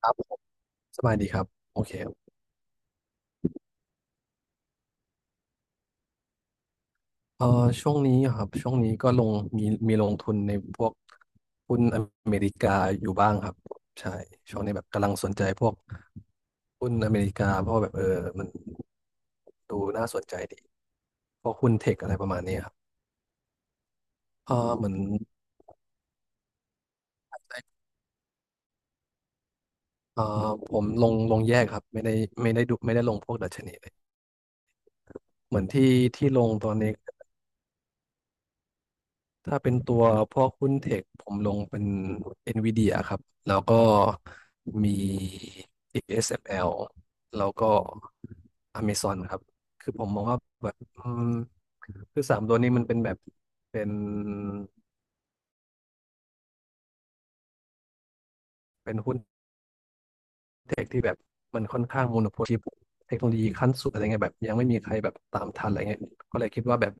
ครับสบายดีครับ โอเคเอ่อช่วงนี้อครับช่วงนี้ก็ลงมีลงทุนในพวกหุ้นอเมริกาอยู่บ้างครับใช่ช่วงนี้แบบกำลังสนใจพวกหุ้นอเมริกาเพราะว่าแบบมันดูน่าสนใจดีพวกหุ้นเทคอะไรประมาณนี้ครับเออเหมือนเออผมลงแยกครับ ไม่ได้ลงพวกดัชนีเลยเหมือนที่ลงตอนนี้ ถ้าเป็นตัวพวกหุ้นเทคผมลงเป็น NVIDIA ครับแล้วก็มี ASML แอลแล้วก็ Amazon ครับคือผมมองว่าแบบคือสามตัวนี้มันเป็นแบบเป็นเป็นหุ้นเทคที่แบบมันค่อนข้างโมโนโพลีเทคโนโลยีขั้นสุดอะไรเงี้ยแบบยังไม่มีใครแบบตามทันอะไรเงี้ยก็เลยคิดว่าแบบ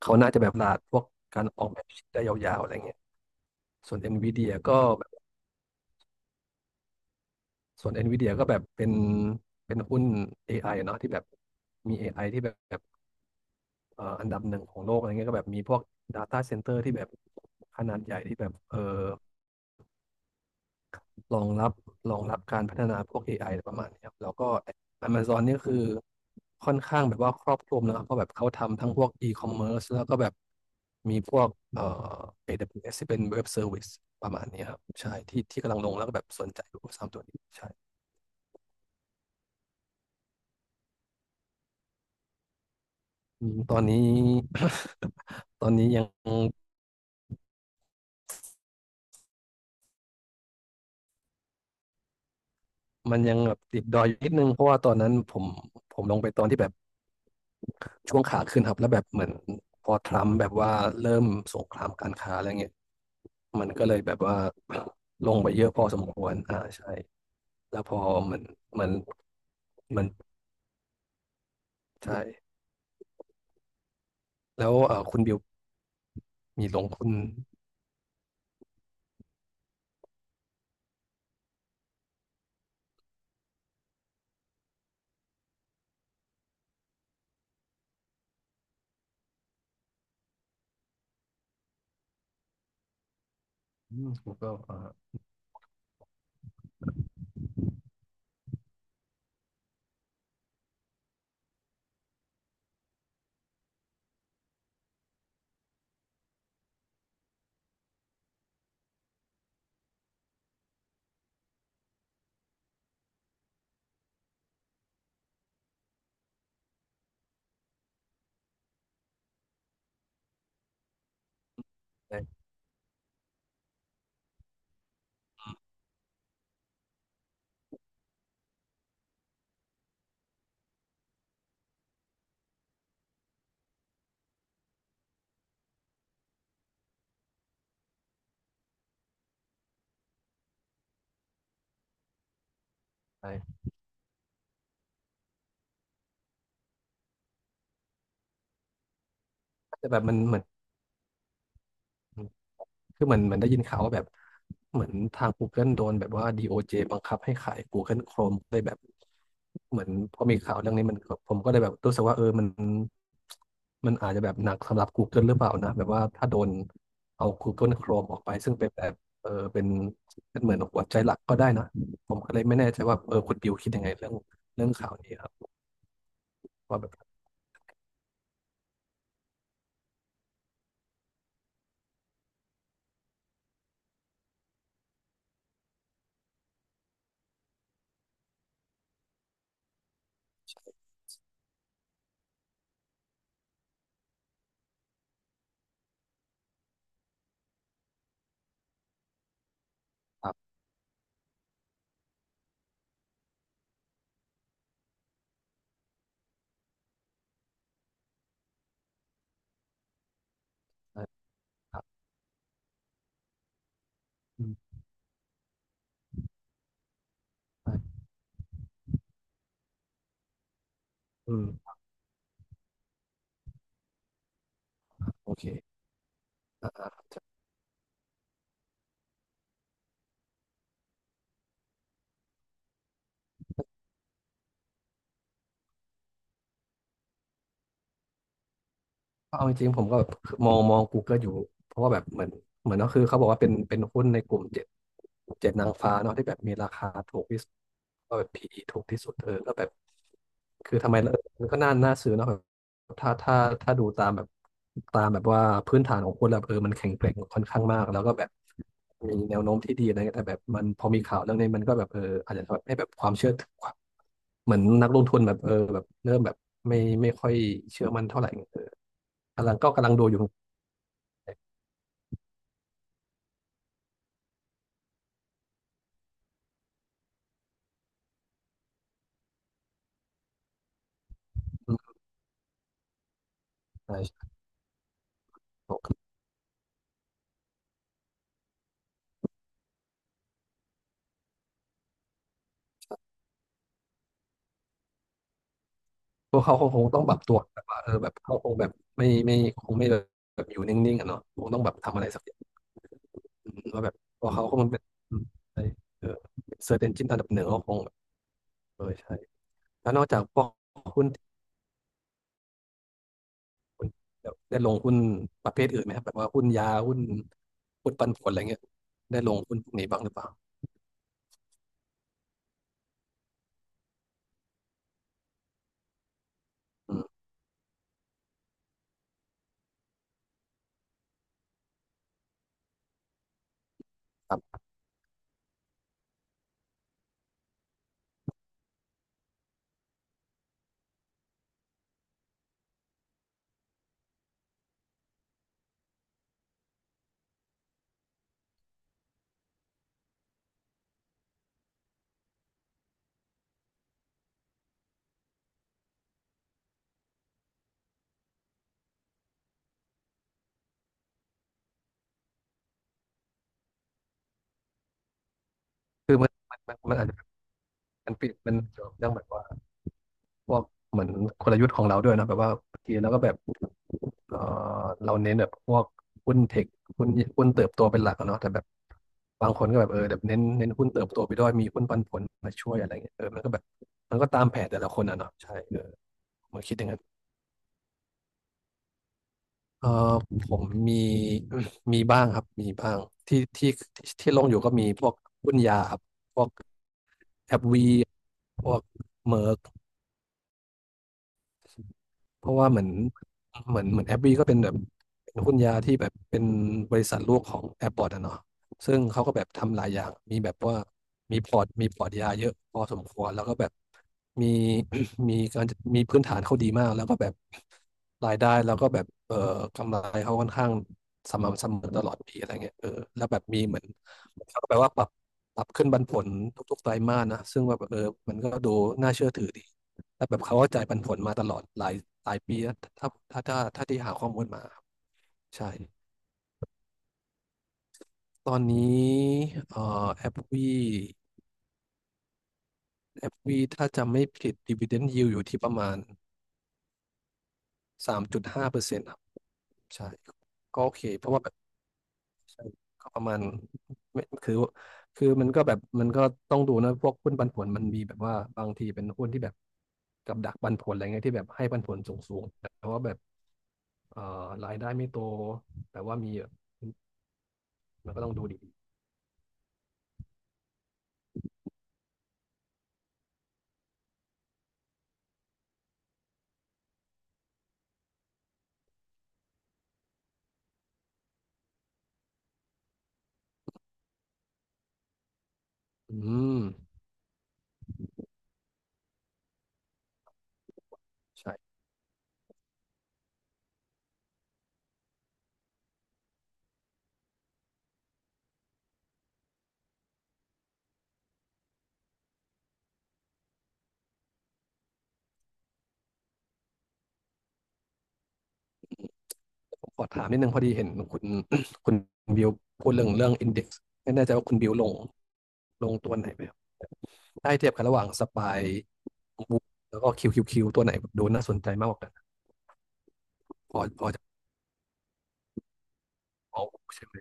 เขาน่าจะแบบตลาดพวกการออกแบบชิปได้ยาวๆอะไรเงี้ยส่วน NVIDIA ก็ ส่วน NVIDIA ก็แบบเป็นหุ้น AI อไออะเนาะที่แบบมี AI ที่แบบอันดับหนึ่งของโลกอะไรเงี้ยก็แบบมีพวก Data Center ที่แบบขนาดใหญ่ที่แบบเออรองรับรองรับการพัฒนาพวก AI อไออะไรประมาณนี้ครับแล้วก็ Amazon นี่ก็คือค่อนข้างแบบว่าครอบคลุมนะครับเพราะแบบเขาทำทั้งพวก e-commerce แล้วก็แบบมีพวกเอ่อ AWS ที่เป็น Web Service ประมาณนี้ครับใช่ที่ที่กำลังลงแล้วก็แบบสนใจอยู่สามตัวนี้ใช่ อืมตอนนี้ ตอนนี้ยังมันยังแบบติดดอยอยู่นิดนึงเพราะว่าตอนนั้นผมลงไปตอนที่แบบช่วงขาขึ้นครับแล้วแบบเหมือนพอทรัมป์แบบว่าเริ่มสงครามการค้าอะไรเงี้ยมันก็เลยแบบว่า ลงไปเยอะพอสมควรอ่าใช่แล้วพอมันมันมันใช่แล้วคุณบิวมีลงคุณอืมผมก็อ่าใช่ใช่แต่แบบมันเหมือน คือเหมือนเหมันได้ยินข่าวว่าแบบเหมือนทาง Google โดนแบบว่า DOJ บังคับให้ขาย Google Chrome ได้แบบเหมือนพอมีข่าวเรื่องนี้มันก็ผมก็เลยแบบรู้สึกว่าเออมันอาจจะแบบหนักสำหรับ Google หรือเปล่านะแบบว่าถ้าโดนเอา Google Chrome ออกไปซึ่งเป็นแบบเออเป็นเหมือนหัวใจหลักก็ได้นะผมก็เลยไม่แน่ใจว่าเออคุณบิวคิดยังไงเรื่องข่าวนี้ครับว่าแบบครับครับอืมใช่อืมโอเคอ่า เอาจริงๆผมก็แบบมอง Google อยู่เพราะว่าแบบเหมือนก็คือเขาบอกว่าเป็นหุ้นในกลุ่มเจ็ดนางฟ้าเนาะที่แบบมีราคาถูกที่สุดก็แบบ PE ถูกที่สุดเออก็แบบคือทำไมเออมันก็น่าน่าซื้อเนาะ ถ้าถ้าดูตามแบบตามแบบว่าพื้นฐานของคนแล้วเออมันแข็งแกร่งค่อนข้างมากแล้วก็แบบมีแนวโน้มที่ดีอะไรเงี้ยแต่แบบมันพอมีข่าวเรื่องนี้มันก็แบบเอออาจจะแบบให้แบบความเชื่อถือความเหมือนนักลงทุนแบบเออแบบเริ่มแบบไม่ไม่ค่อยเชื่อมั่นเท่าไหร่เออกำลังก็กำลังดูอยู่อืมใช่ใช่พวกเขาคงต้องปรับตัวแบบว่าเออแบบเขาคงแบบไม่ไม่คงไม่แบบอยู่นิ่งๆอ่ะเนาะคงต้องแบบทำอะไรสักอย่างอืมว่าแบบพอเขาคงเป็นอืมใช่เออเซิร์ชเอนจินอันดับหนึ่งก็คง เออใช่แล้วนอกจากพวกหุ้นที่คุณได้ลงหุ้นประเภทอื่นไหมครับแบบว่าหุ้นยาหุ้นปันผลอะไรเงี้ยได้ลงหุ้นพวกนี้บ้างหรือเปล่าอืมครับคือมันมันอาจจะมันเกี่ยวกับเรื่องแบบว่าพวกเหมือนกลยุทธ์ของเราด้วยนะแบบว่าบางทีเราก็แบบเออเราเน้นแบบพวกหุ้นเทคหุ้นหุ้นเติบโตเป็นหลักอะเนาะแต่แบบบางคนก็แบบเออแบบเน้นหุ้นเติบโตไปด้วยมีหุ้นปันผลมาช่วยอะไรเงี้ยเออมันก็แบบมันก็ตามแผนแต่ละคนอะเนาะใช่เออผมคิดอย่างนั้น เออผมมี มีบ้างครับมีบ้างที่ที่ที่ลงอยู่ก็มีพวกหุ้นยาครับพวกแอปวีพวกเมอร์ เพราะว่าเหมือนเหมือนแอปบีก็เป็นแบบเป็นหุ้นยาที่แบบเป็นบริษัทลูกของแอปพอร์ตอะเนาะซึ่งเขาก็แบบทำหลายอย่างมีแบบว่ามีพอร์ตมีพอร์ตยาเยอะพอสมควรแล้วก็แบบมี มีการมีพื้นฐานเขาดีมากแล้วก็แบบรายได้แล้วก็แบบกำไรเขาค่อนข้างสม่ำเสมอตลอดปีอะไรเงี้ยเออแล้วแบบมีเหมือนเขาก็แปลว่าปรับขึ้นปันผลทุกๆไตรมาสนะซึ่งว่าแบบเออมันก็ดูน่าเชื่อถือดี แล้วแบบเขาก็จ่ายปันผลมาตลอดหลายหลายปีแล้วถ้าที่หาข้อมูลมาครับใช่ตอนนี้เอ่อแอปวีแอปวีถ้าจำไม่ผิดดีว i เดน d i ยิวอยู่ที่ประมาณ3.5%ครับใช่ก็โอเคเพราะว่าแบบใช่ก็ประมาณไม่คือมันก็แบบมันก็ต้องดูนะพวกหุ้นปันผลมันมีแบบว่าบางทีเป็นหุ้นที่แบบกับดักปันผลอะไรเงี้ยที่แบบให้ปันผลสูงๆแต่ว่าแบบรายได้ไม่โตแต่ว่ามีมันก็ต้องดูดี อืมใช่ผมขอถามนิดนึงพอดีเห็นคุณ คุณบิวพูดเรื่องอินเด็กซ์ไม่แน่ใจว่าคุณบิวลงตัวไหนไปครับได้เทียบกันระหว่างสปายบุ๊กแล้วก็คิวคิวคิวตัวไหนแบบดูน่าสนใจมากกว่ากันพอจะเอาใช่ไหม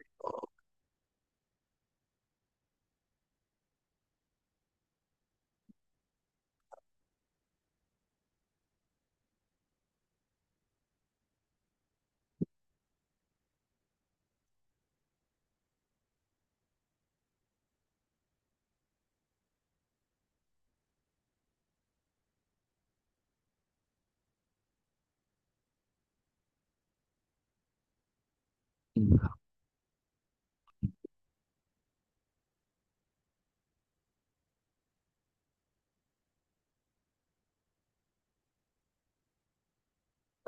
อืมครับ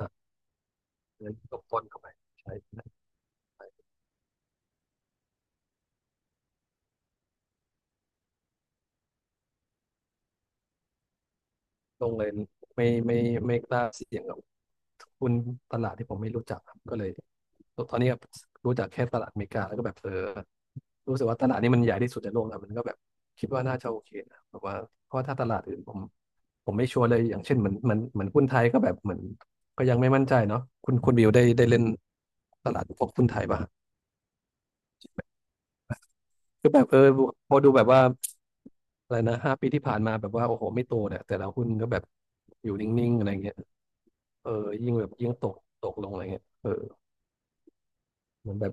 อ่ะงั้นตกต้นเข้าไปใช่ ลงเลยไม่ไม่ไม่กล้าเสี่ยงกับหุ้นตลาดที่ผมไม่รู้จักครับก็เลยตอนนี้ครบรู้จักแค่ตลาดอเมริกาแล้วก็แบบเออรู้สึกว่าตลาดนี้มันใหญ่ที่สุดในโลกแล้วมันก็แบบคิดว่าน่าจะโอเคนะแบบว่าเพราะว่าถ้าตลาดอื่นผมไม่ชัวร์เลยอย่างเช่นเหมือนหุ้นไทยก็แบบเหมือนก็ยังไม่มั่นใจเนาะคุณบิวได้เล่นตลาดพวกหุ้นไทยป่ะคือแบบเออพอดูแบบว่าอะไรนะ5 ปีที่ผ่านมาแบบว่าโอ้โหไม่โตเนี่ยแต่ละหุ้นก็แบบอยู่นิ่งๆอะไรเงี้ย เออยิ่งแบบยิ่งตกตกลงอะไรเงี้ยเออเหมือนแบบ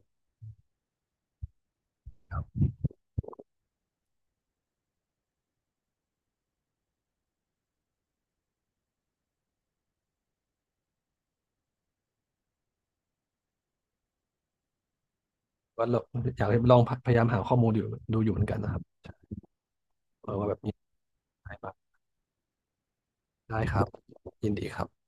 ว่าเราอยากลองพยายามหาข้อมูลอยู่ดูอยู่เหมือนกันนะครับเออว่าแบบนี้ใช่ปะได้ครับยินดีครับ